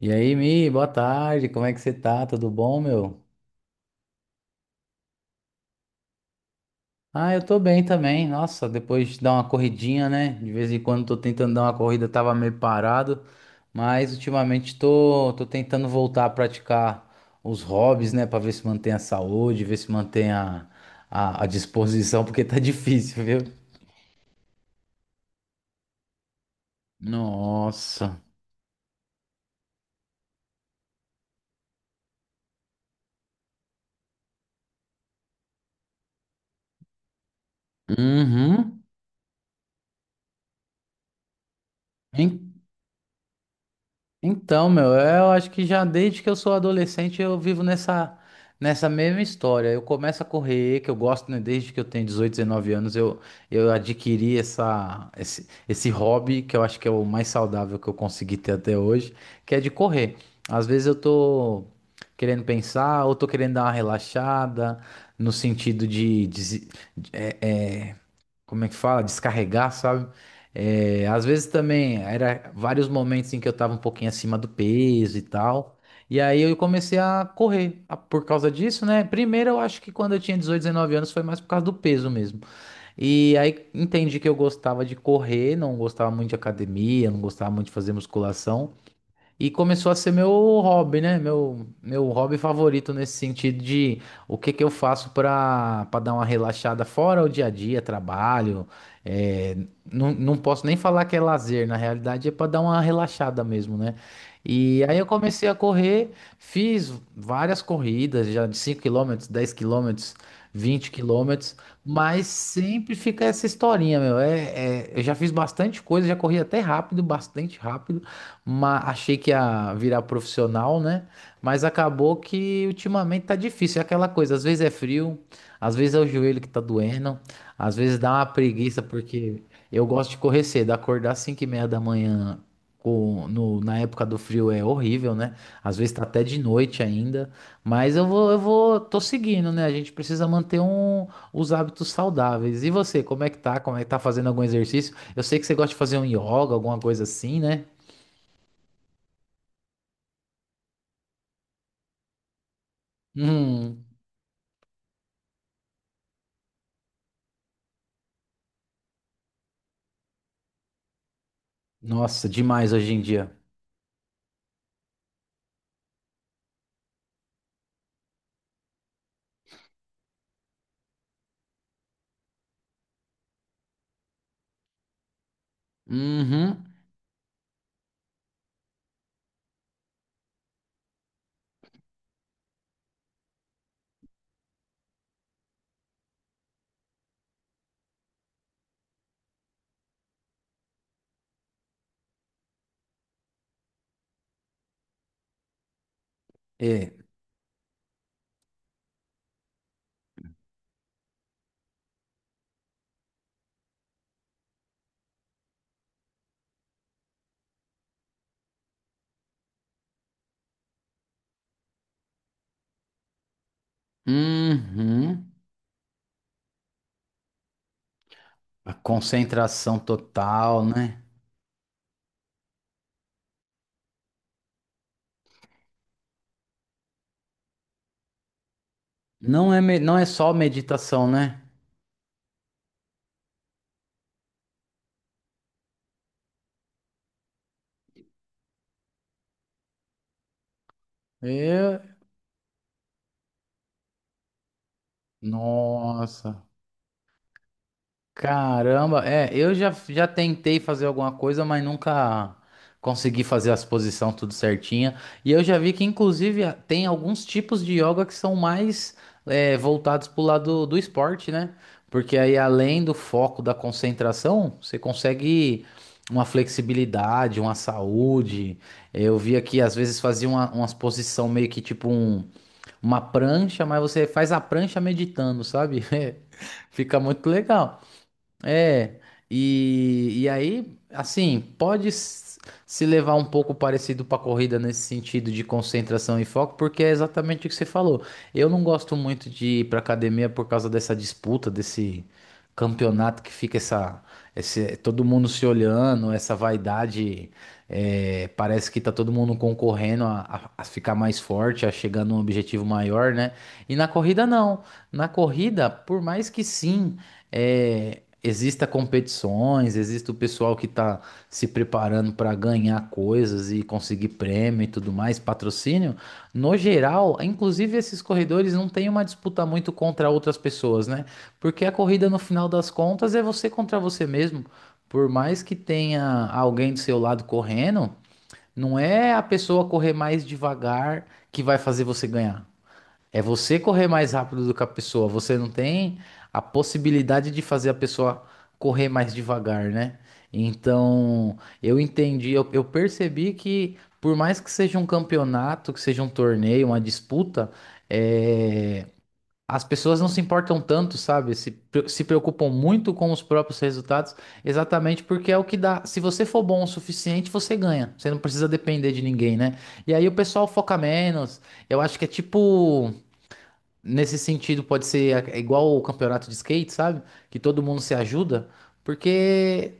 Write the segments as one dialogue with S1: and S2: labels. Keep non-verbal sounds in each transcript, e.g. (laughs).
S1: E aí, Mi, boa tarde, como é que você tá? Tudo bom, meu? Ah, eu tô bem também. Nossa, depois de dar uma corridinha, né? De vez em quando tô tentando dar uma corrida, tava meio parado, mas ultimamente tô tentando voltar a praticar os hobbies, né? Pra ver se mantém a saúde, ver se mantém a disposição, (laughs) porque tá difícil, viu? Nossa. Uhum. Então, meu, eu acho que já desde que eu sou adolescente eu vivo nessa mesma história. Eu começo a correr, que eu gosto, né, desde que eu tenho 18, 19 anos, eu adquiri esse hobby que eu acho que é o mais saudável que eu consegui ter até hoje, que é de correr. Às vezes eu tô querendo pensar ou tô querendo dar uma relaxada, no sentido de, como é que fala? Descarregar, sabe? É, às vezes também era vários momentos em que eu tava um pouquinho acima do peso e tal. E aí eu comecei a por causa disso, né? Primeiro eu acho que quando eu tinha 18, 19 anos foi mais por causa do peso mesmo. E aí entendi que eu gostava de correr, não gostava muito de academia, não gostava muito de fazer musculação. E começou a ser meu hobby, né? Meu hobby favorito nesse sentido de o que que eu faço para dar uma relaxada fora o dia a dia, trabalho. É, não, não posso nem falar que é lazer, na realidade é para dar uma relaxada mesmo, né? E aí eu comecei a correr, fiz várias corridas, já de 5 km, 10 km, 20 km, mas sempre fica essa historinha, meu. Eu já fiz bastante coisa, já corri até rápido, bastante rápido, mas achei que ia virar profissional, né? Mas acabou que ultimamente tá difícil. É aquela coisa, às vezes é frio, às vezes é o joelho que tá doendo, às vezes dá uma preguiça, porque eu gosto de correr cedo, acordar às 5 e meia da manhã. Na época do frio é horrível, né? Às vezes tá até de noite ainda, mas eu vou, tô seguindo, né? A gente precisa manter os hábitos saudáveis. E você, como é que tá? Como é que tá fazendo algum exercício? Eu sei que você gosta de fazer um yoga, alguma coisa assim, né? Hum, nossa, demais hoje em dia. Uhum. É. Uhum. A concentração total, né? Não é, não é só meditação, né? É. Nossa. Caramba, é, eu já tentei fazer alguma coisa, mas nunca consegui fazer as posições tudo certinha. E eu já vi que, inclusive, tem alguns tipos de yoga que são mais, é, voltados pro lado do esporte, né? Porque aí, além do foco da concentração, você consegue uma flexibilidade, uma saúde. Eu vi aqui, às vezes, fazia umas posição meio que tipo uma prancha, mas você faz a prancha meditando, sabe? (laughs) Fica muito legal. É, e aí, assim, se levar um pouco parecido para corrida nesse sentido de concentração e foco, porque é exatamente o que você falou. Eu não gosto muito de ir para academia por causa dessa disputa, desse campeonato que fica todo mundo se olhando, essa vaidade, é, parece que tá todo mundo concorrendo a ficar mais forte, a chegar num objetivo maior, né? E na corrida não. Na corrida, por mais que sim, é, exista competições, exista o pessoal que está se preparando para ganhar coisas e conseguir prêmio e tudo mais, patrocínio. No geral, inclusive esses corredores não têm uma disputa muito contra outras pessoas, né? Porque a corrida no final das contas é você contra você mesmo. Por mais que tenha alguém do seu lado correndo, não é a pessoa correr mais devagar que vai fazer você ganhar. É você correr mais rápido do que a pessoa. Você não tem a possibilidade de fazer a pessoa correr mais devagar, né? Então, eu entendi, eu percebi que por mais que seja um campeonato, que seja um torneio, uma disputa, é, as pessoas não se importam tanto, sabe? Se preocupam muito com os próprios resultados, exatamente porque é o que dá. Se você for bom o suficiente, você ganha. Você não precisa depender de ninguém, né? E aí o pessoal foca menos. Eu acho que é tipo. Nesse sentido, pode ser, igual o campeonato de skate, sabe? Que todo mundo se ajuda, porque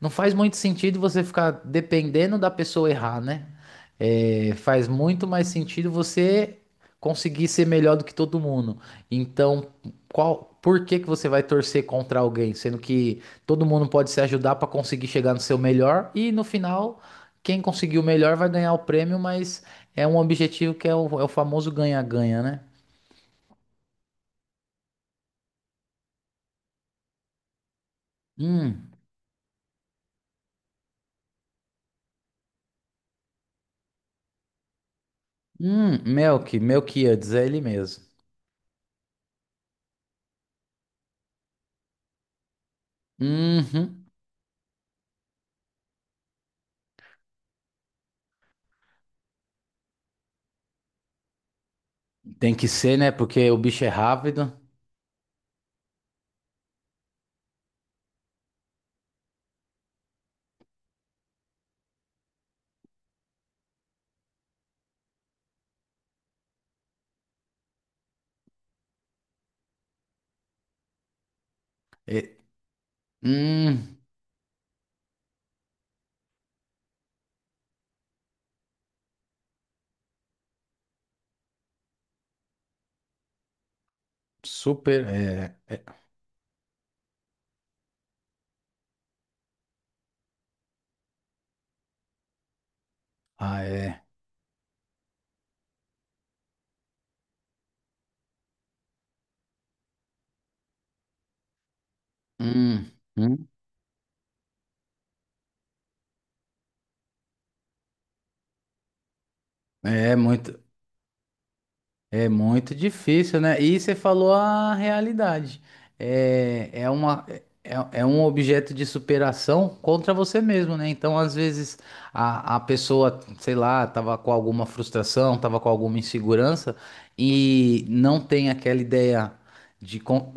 S1: não faz muito sentido você ficar dependendo da pessoa errar, né? É, faz muito mais sentido você conseguir ser melhor do que todo mundo. Então, qual, por que que você vai torcer contra alguém, sendo que todo mundo pode se ajudar para conseguir chegar no seu melhor e no final, quem conseguir o melhor vai ganhar o prêmio, mas é um objetivo que é o famoso ganha-ganha, né? Hum. Melk, Melquíades, é ele mesmo. Uhum. Tem que ser, né? Porque o bicho é rápido. É, hum, super. É, é, ah, é. Hum, hum. É muito. É muito difícil, né? E você falou a realidade. É, é uma, é um objeto de superação contra você mesmo, né? Então, às vezes, a pessoa, sei lá, tava com alguma frustração, tava com alguma insegurança e não tem aquela ideia de.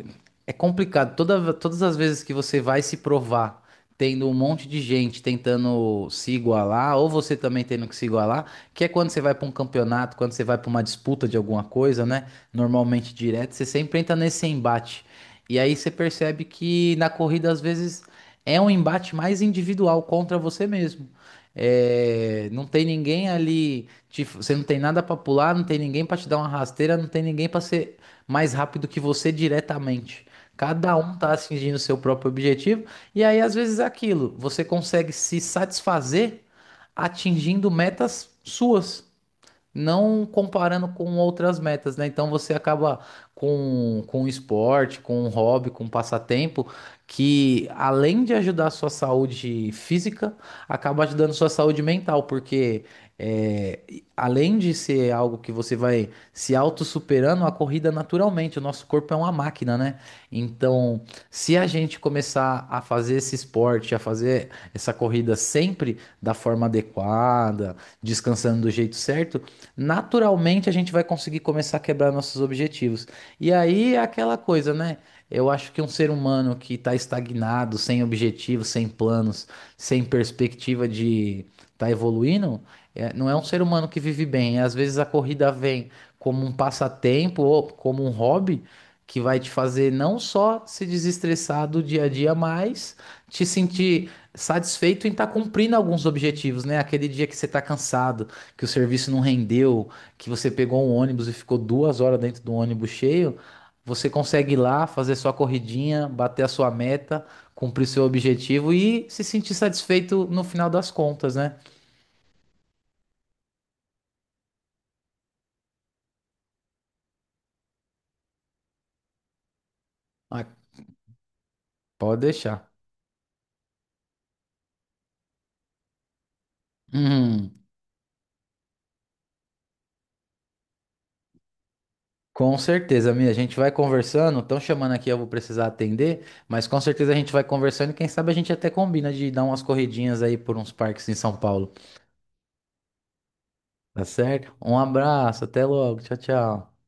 S1: É complicado. Todas as vezes que você vai se provar, tendo um monte de gente tentando se igualar, ou você também tendo que se igualar. Que é quando você vai para um campeonato, quando você vai para uma disputa de alguma coisa, né? Normalmente direto, você sempre entra nesse embate. E aí você percebe que na corrida, às vezes, é um embate mais individual contra você mesmo. É, não tem ninguém ali, você não tem nada para pular, não tem ninguém para te dar uma rasteira, não tem ninguém para ser mais rápido que você diretamente. Cada um tá atingindo o seu próprio objetivo, e aí às vezes é aquilo, você consegue se satisfazer atingindo metas suas não comparando com outras metas, né? Então você acaba com um esporte, com um hobby, com um passatempo, que além de ajudar a sua saúde física, acaba ajudando a sua saúde mental, porque é, além de ser algo que você vai se auto-superando, a corrida naturalmente, o nosso corpo é uma máquina, né? Então, se a gente começar a fazer esse esporte, a fazer essa corrida sempre da forma adequada, descansando do jeito certo, naturalmente a gente vai conseguir começar a quebrar nossos objetivos. E aí é aquela coisa, né? Eu acho que um ser humano que está estagnado, sem objetivos, sem planos, sem perspectiva de estar tá evoluindo, é, não é um ser humano que vive bem. Às vezes a corrida vem como um passatempo ou como um hobby que vai te fazer não só se desestressar do dia a dia, mas te sentir satisfeito em estar cumprindo alguns objetivos, né? Aquele dia que você está cansado, que o serviço não rendeu, que você pegou um ônibus e ficou 2 horas dentro do ônibus cheio, você consegue ir lá fazer sua corridinha, bater a sua meta, cumprir seu objetivo e se sentir satisfeito no final das contas, né? Ah, pode deixar. Hum, com certeza, Mia. A gente vai conversando. Estão chamando aqui, eu vou precisar atender, mas com certeza a gente vai conversando e quem sabe a gente até combina de dar umas corridinhas aí por uns parques em São Paulo. Tá certo? Um abraço, até logo. Tchau, tchau.